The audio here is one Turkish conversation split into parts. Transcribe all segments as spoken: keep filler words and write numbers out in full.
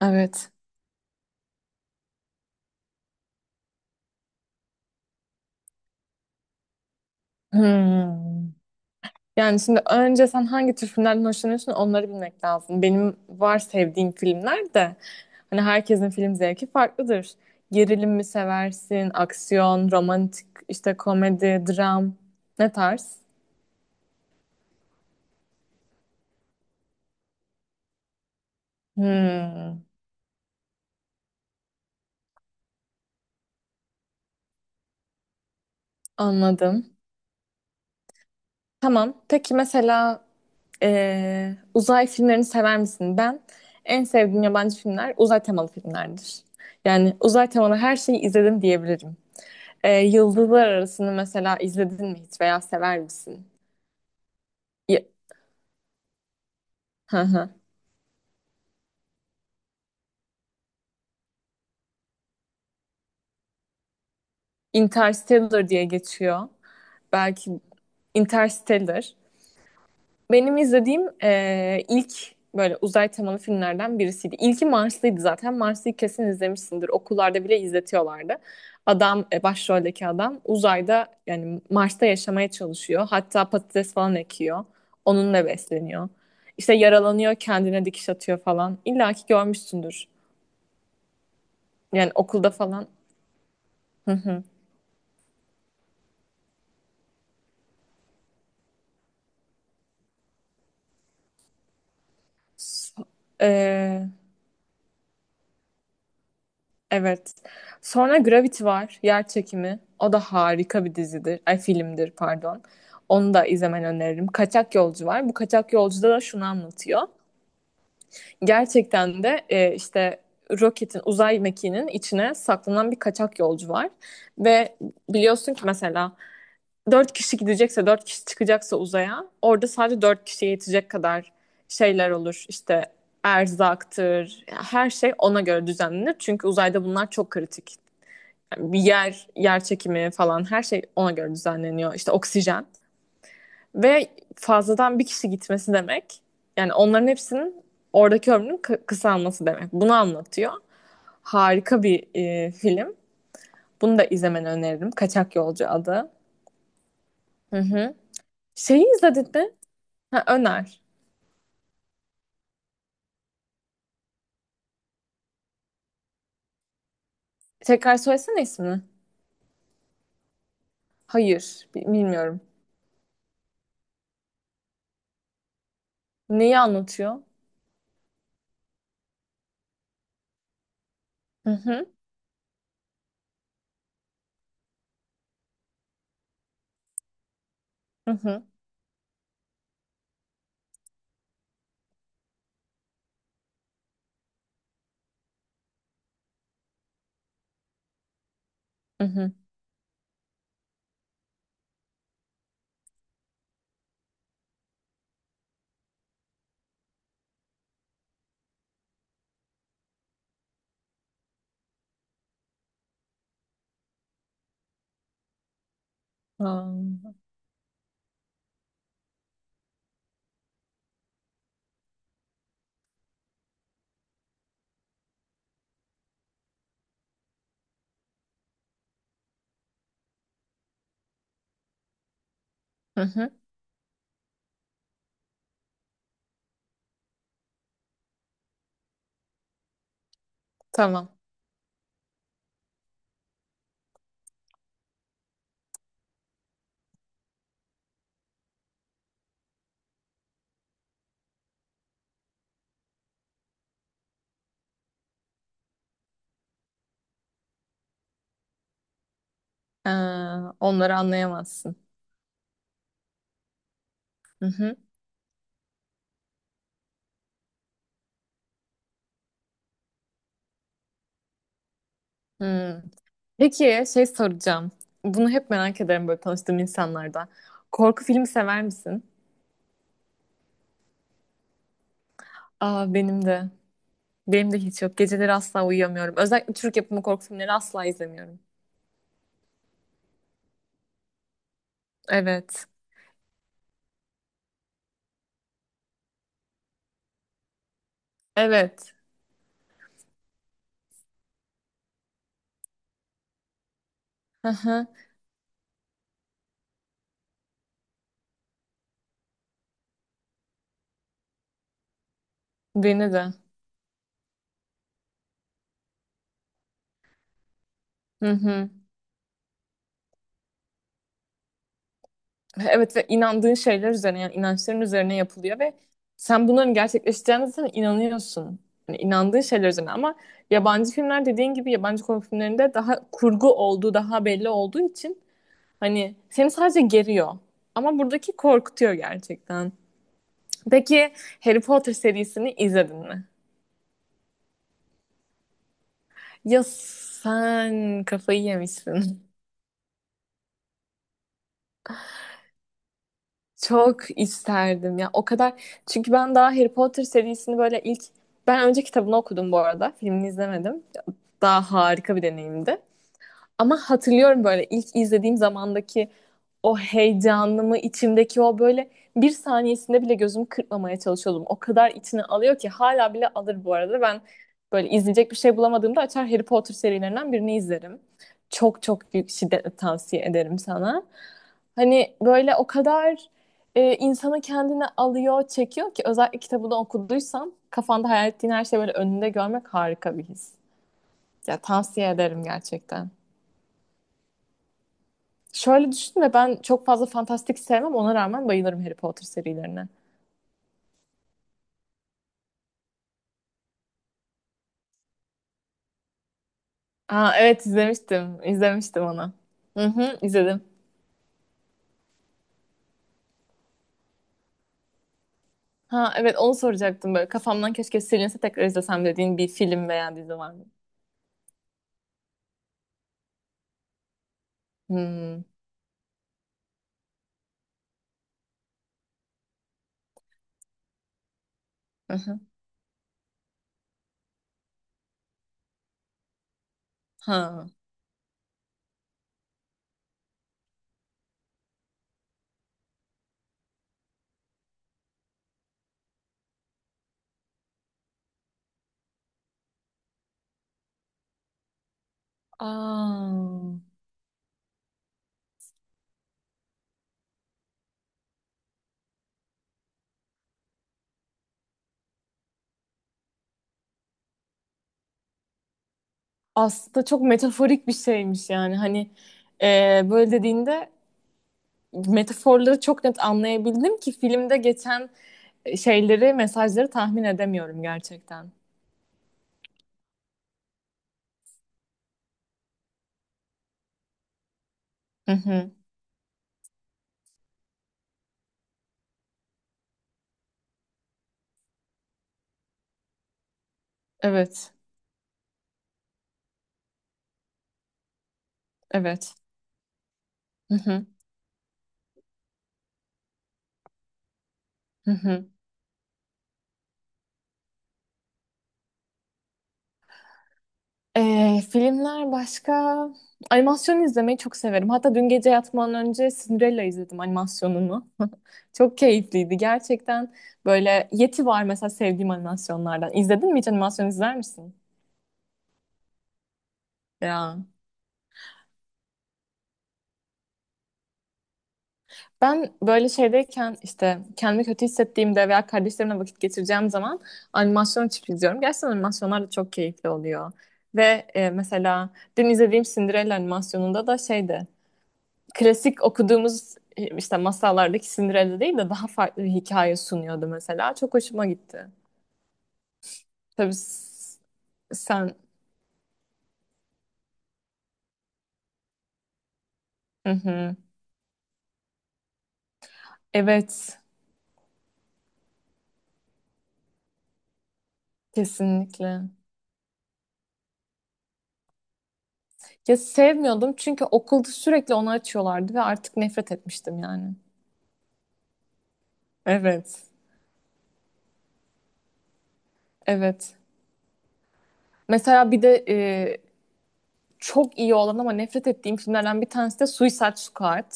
Evet. Hmm. Yani şimdi önce sen hangi tür filmlerden hoşlanıyorsun onları bilmek lazım. Benim var sevdiğim filmler de hani herkesin film zevki farklıdır. Gerilim mi seversin, aksiyon, romantik, işte komedi, dram ne tarz? Hmm. Anladım. Tamam. Peki mesela eee, uzay filmlerini sever misin? Ben en sevdiğim yabancı filmler uzay temalı filmlerdir. Yani uzay temalı her şeyi izledim diyebilirim. Ee, Yıldızlar Arası'nı mesela izledin mi hiç veya sever misin? Y- Hı hı. Interstellar diye geçiyor. Belki Interstellar. Benim izlediğim e, ilk böyle uzay temalı filmlerden birisiydi. İlki Marslıydı zaten. Marslı'yı kesin izlemişsindir. Okullarda bile izletiyorlardı. Adam, e, başroldeki adam uzayda yani Mars'ta yaşamaya çalışıyor. Hatta patates falan ekiyor. Onunla besleniyor. İşte yaralanıyor, kendine dikiş atıyor falan. İlla ki görmüşsündür. Yani okulda falan. So- Ee, evet. Sonra Gravity var. Yer çekimi. O da harika bir dizidir. Ay, filmdir pardon. Onu da izlemeni öneririm. Kaçak Yolcu var. Bu Kaçak Yolcu'da da şunu anlatıyor. Gerçekten de e, işte roketin, uzay mekiğinin içine saklanan bir kaçak yolcu var. Ve biliyorsun ki mesela dört kişi gidecekse, dört kişi çıkacaksa uzaya orada sadece dört kişiye yetecek kadar şeyler olur. İşte erzaktır, her şey ona göre düzenlenir. Çünkü uzayda bunlar çok kritik. Yani bir yer, yer çekimi falan her şey ona göre düzenleniyor. İşte oksijen ve fazladan bir kişi gitmesi demek yani onların hepsinin oradaki ömrünün kısalması demek. Bunu anlatıyor. Harika bir e, film. Bunu da izlemeni öneririm. Kaçak Yolcu adı. Hı hı. Şeyi izledin mi? Ha, öner. Tekrar söylesene ismini. Hayır, bi- bilmiyorum. Neyi anlatıyor? Hı hı, hı hı, hı hı. Aa. Hı hı, tamam. Ee, onları anlayamazsın. Hı hı, hı. Peki, şey soracağım. Bunu hep merak ederim böyle tanıştığım insanlarda. Korku filmi sever misin? Aa, benim de. Benim de hiç yok. Geceleri asla uyuyamıyorum. Özellikle Türk yapımı korku filmleri asla izlemiyorum. Evet. Evet. Hı hı. Beni de. Hı hı. Evet, ve inandığın şeyler üzerine, yani inançların üzerine yapılıyor ve sen bunların gerçekleşeceğine zaten inanıyorsun. Yani inandığın şeyler üzerine. Ama yabancı filmler dediğin gibi yabancı korku filmlerinde daha kurgu olduğu, daha belli olduğu için hani seni sadece geriyor. Ama buradaki korkutuyor gerçekten. Peki, Harry Potter serisini izledin mi? Ya sen kafayı yemişsin. Çok isterdim ya. O kadar, çünkü ben daha Harry Potter serisini böyle ilk, ben önce kitabını okudum bu arada. Filmini izlemedim. Daha harika bir deneyimdi. Ama hatırlıyorum böyle ilk izlediğim zamandaki o heyecanımı, içimdeki o böyle, bir saniyesinde bile gözümü kırpmamaya çalışıyordum. O kadar içine alıyor ki hala bile alır bu arada. Ben böyle izleyecek bir şey bulamadığımda açar Harry Potter serilerinden birini izlerim. Çok çok büyük şiddetle tavsiye ederim sana. Hani böyle o kadar e, insanı kendine alıyor, çekiyor ki özellikle kitabını okuduysan kafanda hayal ettiğin her şeyi böyle önünde görmek harika bir his. Ya tavsiye ederim gerçekten. Şöyle düşünme, ben çok fazla fantastik sevmem, ona rağmen bayılırım Harry Potter serilerine. Aa, evet izlemiştim. İzlemiştim onu. Hı hı, izledim. Ha, evet onu soracaktım, böyle kafamdan keşke silinse tekrar izlesem dediğin bir film veya dizi var mı? Hmm. Hı hı. Ha. Aa. Aslında çok metaforik bir şeymiş, yani hani e, böyle dediğinde metaforları çok net anlayabildim ki filmde geçen şeyleri, mesajları tahmin edemiyorum gerçekten. Hı hı. Evet, evet. Hı hı. Hı hı. E, filmler başka, animasyon izlemeyi çok severim. Hatta dün gece yatmadan önce Cinderella izledim animasyonunu. Çok keyifliydi gerçekten. Böyle Yeti var mesela sevdiğim animasyonlardan. İzledin mi hiç, animasyon izler misin? Ya. Ben böyle şeydeyken, işte kendimi kötü hissettiğimde veya kardeşlerimle vakit geçireceğim zaman animasyon açıp izliyorum. Gerçekten animasyonlar da çok keyifli oluyor. Ve e, mesela dün izlediğim Cinderella animasyonunda da şeydi. Klasik okuduğumuz e, işte masallardaki Cinderella değil de daha farklı bir hikaye sunuyordu mesela. Çok hoşuma gitti. Tabii s- sen... Hı hı. Evet, kesinlikle. Ya sevmiyordum, çünkü okulda sürekli onu açıyorlardı ve artık nefret etmiştim yani. Evet. Evet. Mesela bir de e, çok iyi olan ama nefret ettiğim filmlerden bir tanesi de Suicide Squad.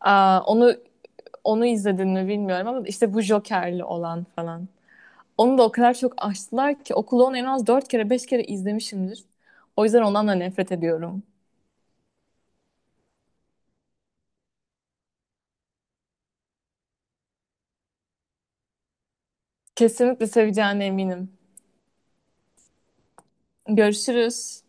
Aa, onu onu izledin mi bilmiyorum, ama işte bu Joker'li olan falan. Onu da o kadar çok açtılar ki okulu, onu en az dört kere beş kere izlemişimdir. O yüzden ondan da nefret ediyorum. Kesinlikle seveceğine eminim. Görüşürüz.